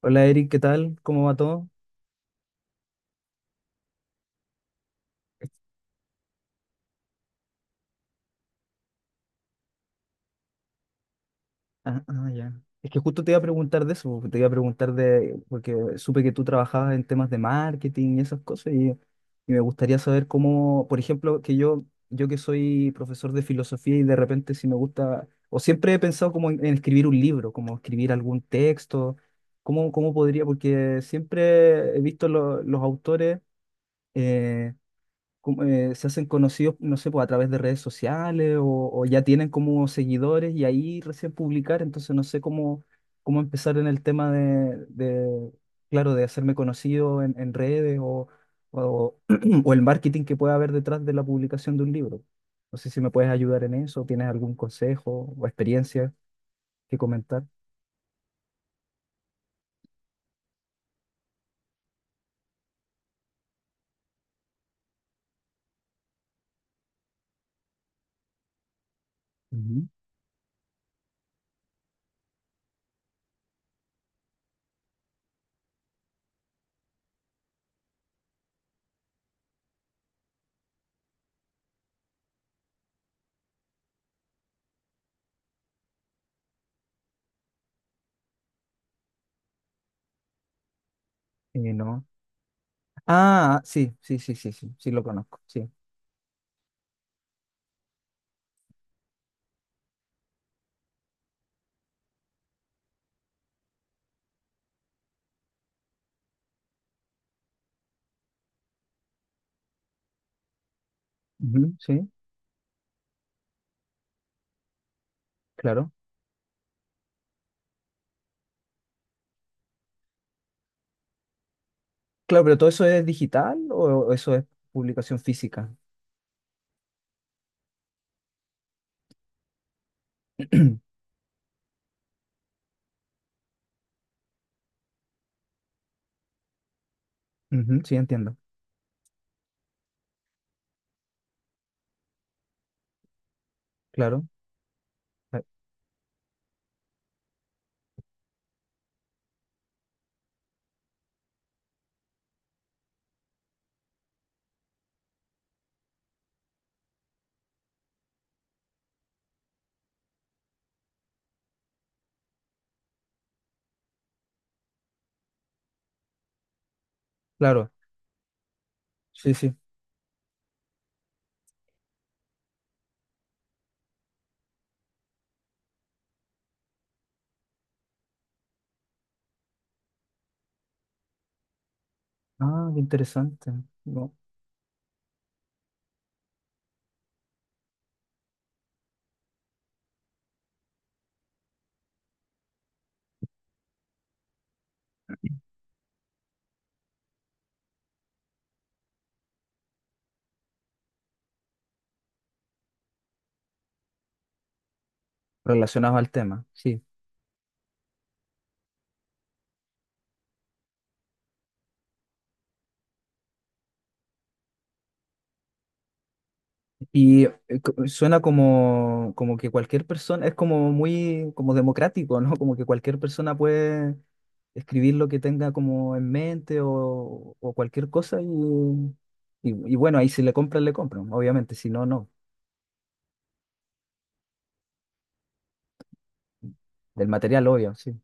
Hola Eric, ¿qué tal? ¿Cómo va todo? Ya. Es que justo te iba a preguntar de eso, te iba a preguntar de, porque supe que tú trabajabas en temas de marketing y esas cosas, y me gustaría saber cómo, por ejemplo, que yo que soy profesor de filosofía y de repente si me gusta, o siempre he pensado como en escribir un libro, como escribir algún texto, cómo podría, porque siempre he visto los autores, eh, como, se hacen conocidos, no sé, pues a través de redes sociales o ya tienen como seguidores y ahí recién publicar. Entonces no sé cómo, cómo empezar en el tema claro, de hacerme conocido en redes o, o el marketing que pueda haber detrás de la publicación de un libro. No sé si me puedes ayudar en eso, tienes algún consejo o experiencia que comentar. Ujú. No. Ah, sí, sí, sí, sí, sí, sí lo conozco, sí. Ujú, sí, claro. Claro, pero ¿todo eso es digital o eso es publicación física? Ujú, sí, entiendo. Claro, eh, claro, sí, sí. Ah, qué interesante. No, relacionado al tema, sí. Suena como, como que cualquier persona, es como muy como democrático, ¿no? Como que cualquier persona puede escribir lo que tenga como en mente o cualquier cosa y bueno, ahí si le compran, le compran, obviamente, si no, no. Del material, obvio, sí.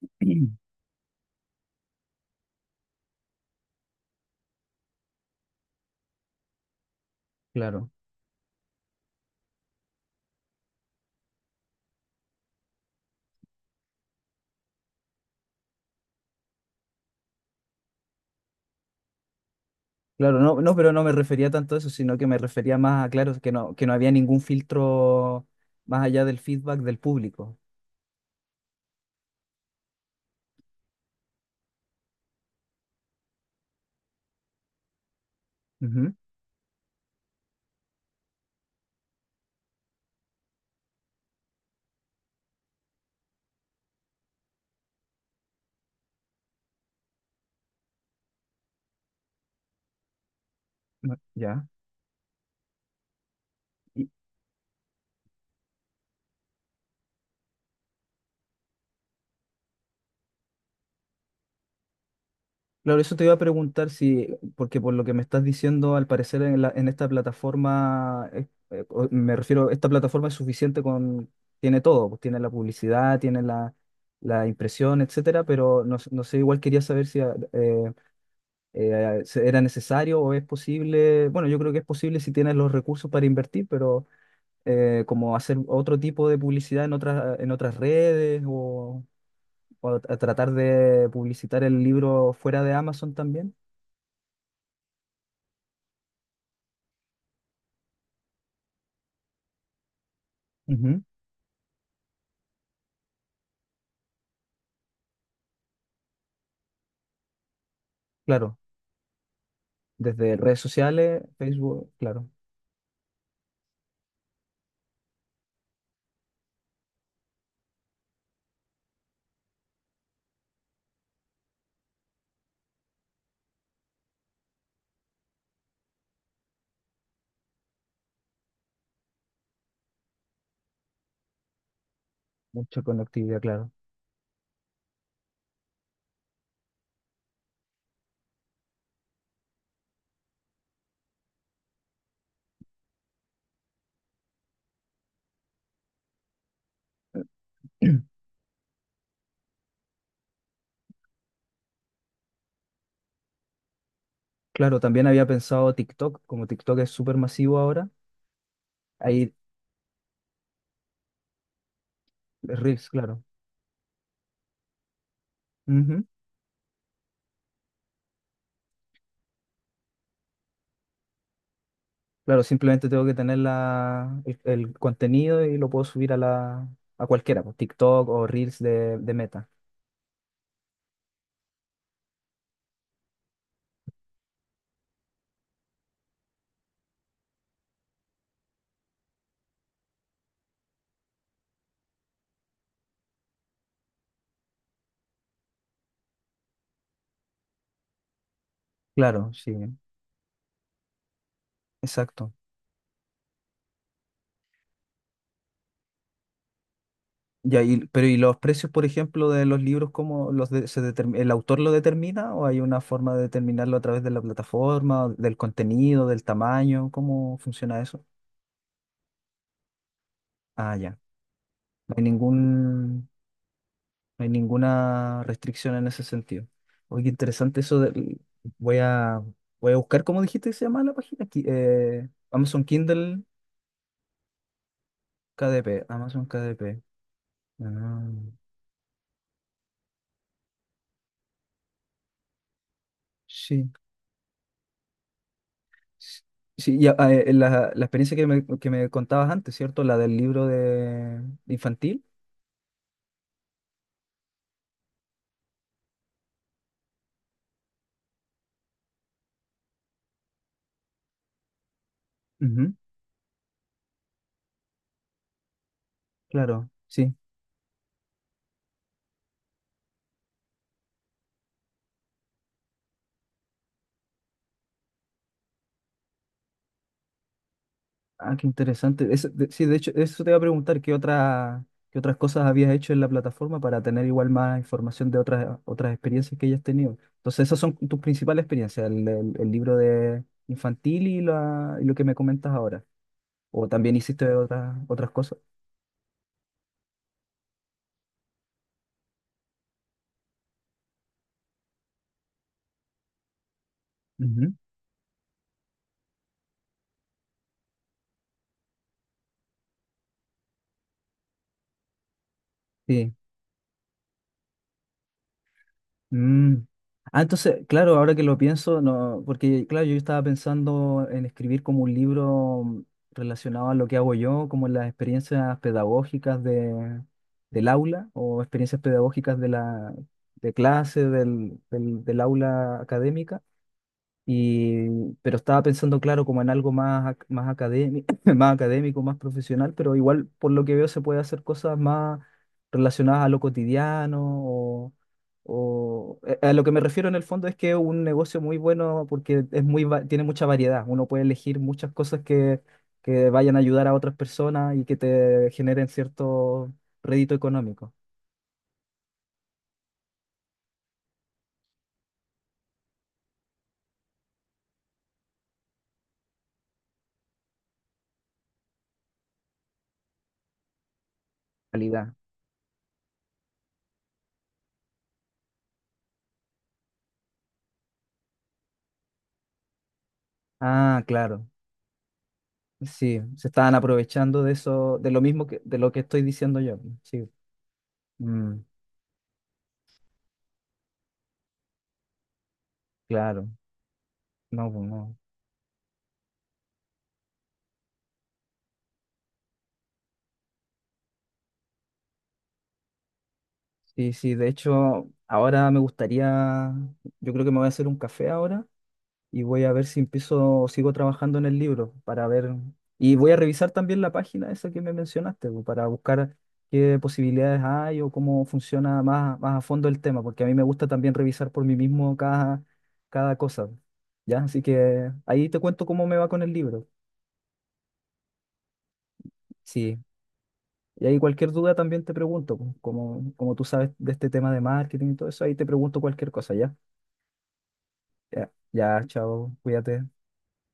Claro. Claro, no, no, pero no me refería tanto a eso, sino que me refería más a, claro, que no había ningún filtro más allá del feedback del público. Ujú, no, ya. Y, claro, eso te iba a preguntar si, porque por lo que me estás diciendo, al parecer en esta plataforma, me refiero, esta plataforma es suficiente con, tiene todo, pues tiene la publicidad, tiene la, la impresión, etcétera, pero no, no sé, igual quería saber si eh, ¿era necesario o es posible? Bueno, yo creo que es posible si tienes los recursos para invertir, pero como hacer otro tipo de publicidad en otras redes o a tratar de publicitar el libro fuera de Amazon también. Ujú. Claro, desde redes sociales, Facebook, claro, mucha conectividad, claro. Claro, también había pensado TikTok, como TikTok es súper masivo ahora, ahí Reels, claro. Ujú. Claro, simplemente tengo que tener la, el contenido y lo puedo subir a la a cualquiera, pues, TikTok o Reels de Meta. Claro, sí, exacto. Ya, pero ¿y los precios, por ejemplo, de los libros, cómo los de- se determ- el autor lo determina o hay una forma de determinarlo a través de la plataforma, del contenido, del tamaño? ¿Cómo funciona eso? Ah, ya. No hay ningún. No hay ninguna restricción en ese sentido. Oye, qué interesante eso voy a, voy a buscar. ¿Cómo dijiste que se llama la página? Amazon Kindle KDP. Amazon KDP. Ah, sí. s- Sí, y, ah, la, la experiencia que me contabas antes, ¿cierto? La del libro de infantil. Ujú, claro, sí. Ah, qué interesante. Sí, de hecho, eso te iba a preguntar, ¿qué otra, qué otras cosas habías hecho en la plataforma para tener igual más información de otras, otras experiencias que hayas tenido? Entonces, esas son tus principales experiencias, el libro de infantil y, y lo que me comentas ahora. O también hiciste otras, otras cosas. Ujú. Sí. Mm. Ah, entonces, claro, ahora que lo pienso, no, porque claro, yo estaba pensando en escribir como un libro mm, relacionado a lo que hago yo, como las experiencias pedagógicas de, del aula o experiencias pedagógicas de la de clase, del aula académica. Y, pero estaba pensando, claro, como en algo más, más académico, más académico, más profesional, pero igual por lo que veo se puede hacer cosas más relacionadas a lo cotidiano o, a lo que me refiero en el fondo es que es un negocio muy bueno porque es muy, tiene mucha variedad. Uno puede elegir muchas cosas que vayan a ayudar a otras personas y que te generen cierto rédito económico. Calidad. Ah, claro, sí, se estaban aprovechando de eso, de lo mismo que, de lo que estoy diciendo yo, pues. Sí, mm, claro, no, pues no. Sí, sí, de hecho, ahora me gustaría, yo creo que me voy a hacer un café ahora y voy a ver si empiezo, sigo trabajando en el libro para ver, y voy a revisar también la página esa que me mencionaste, pues, para buscar qué posibilidades hay o cómo funciona más, más a fondo el tema, porque a mí me gusta también revisar por mí mismo cada, cada cosa. ¿Ya? Así que ahí te cuento cómo me va con el libro. Sí, y ahí cualquier duda también te pregunto, pues, como, como tú sabes de este tema de marketing y todo eso, ahí te pregunto cualquier cosa, ¿ya? Ya, ya, chao, cuídate.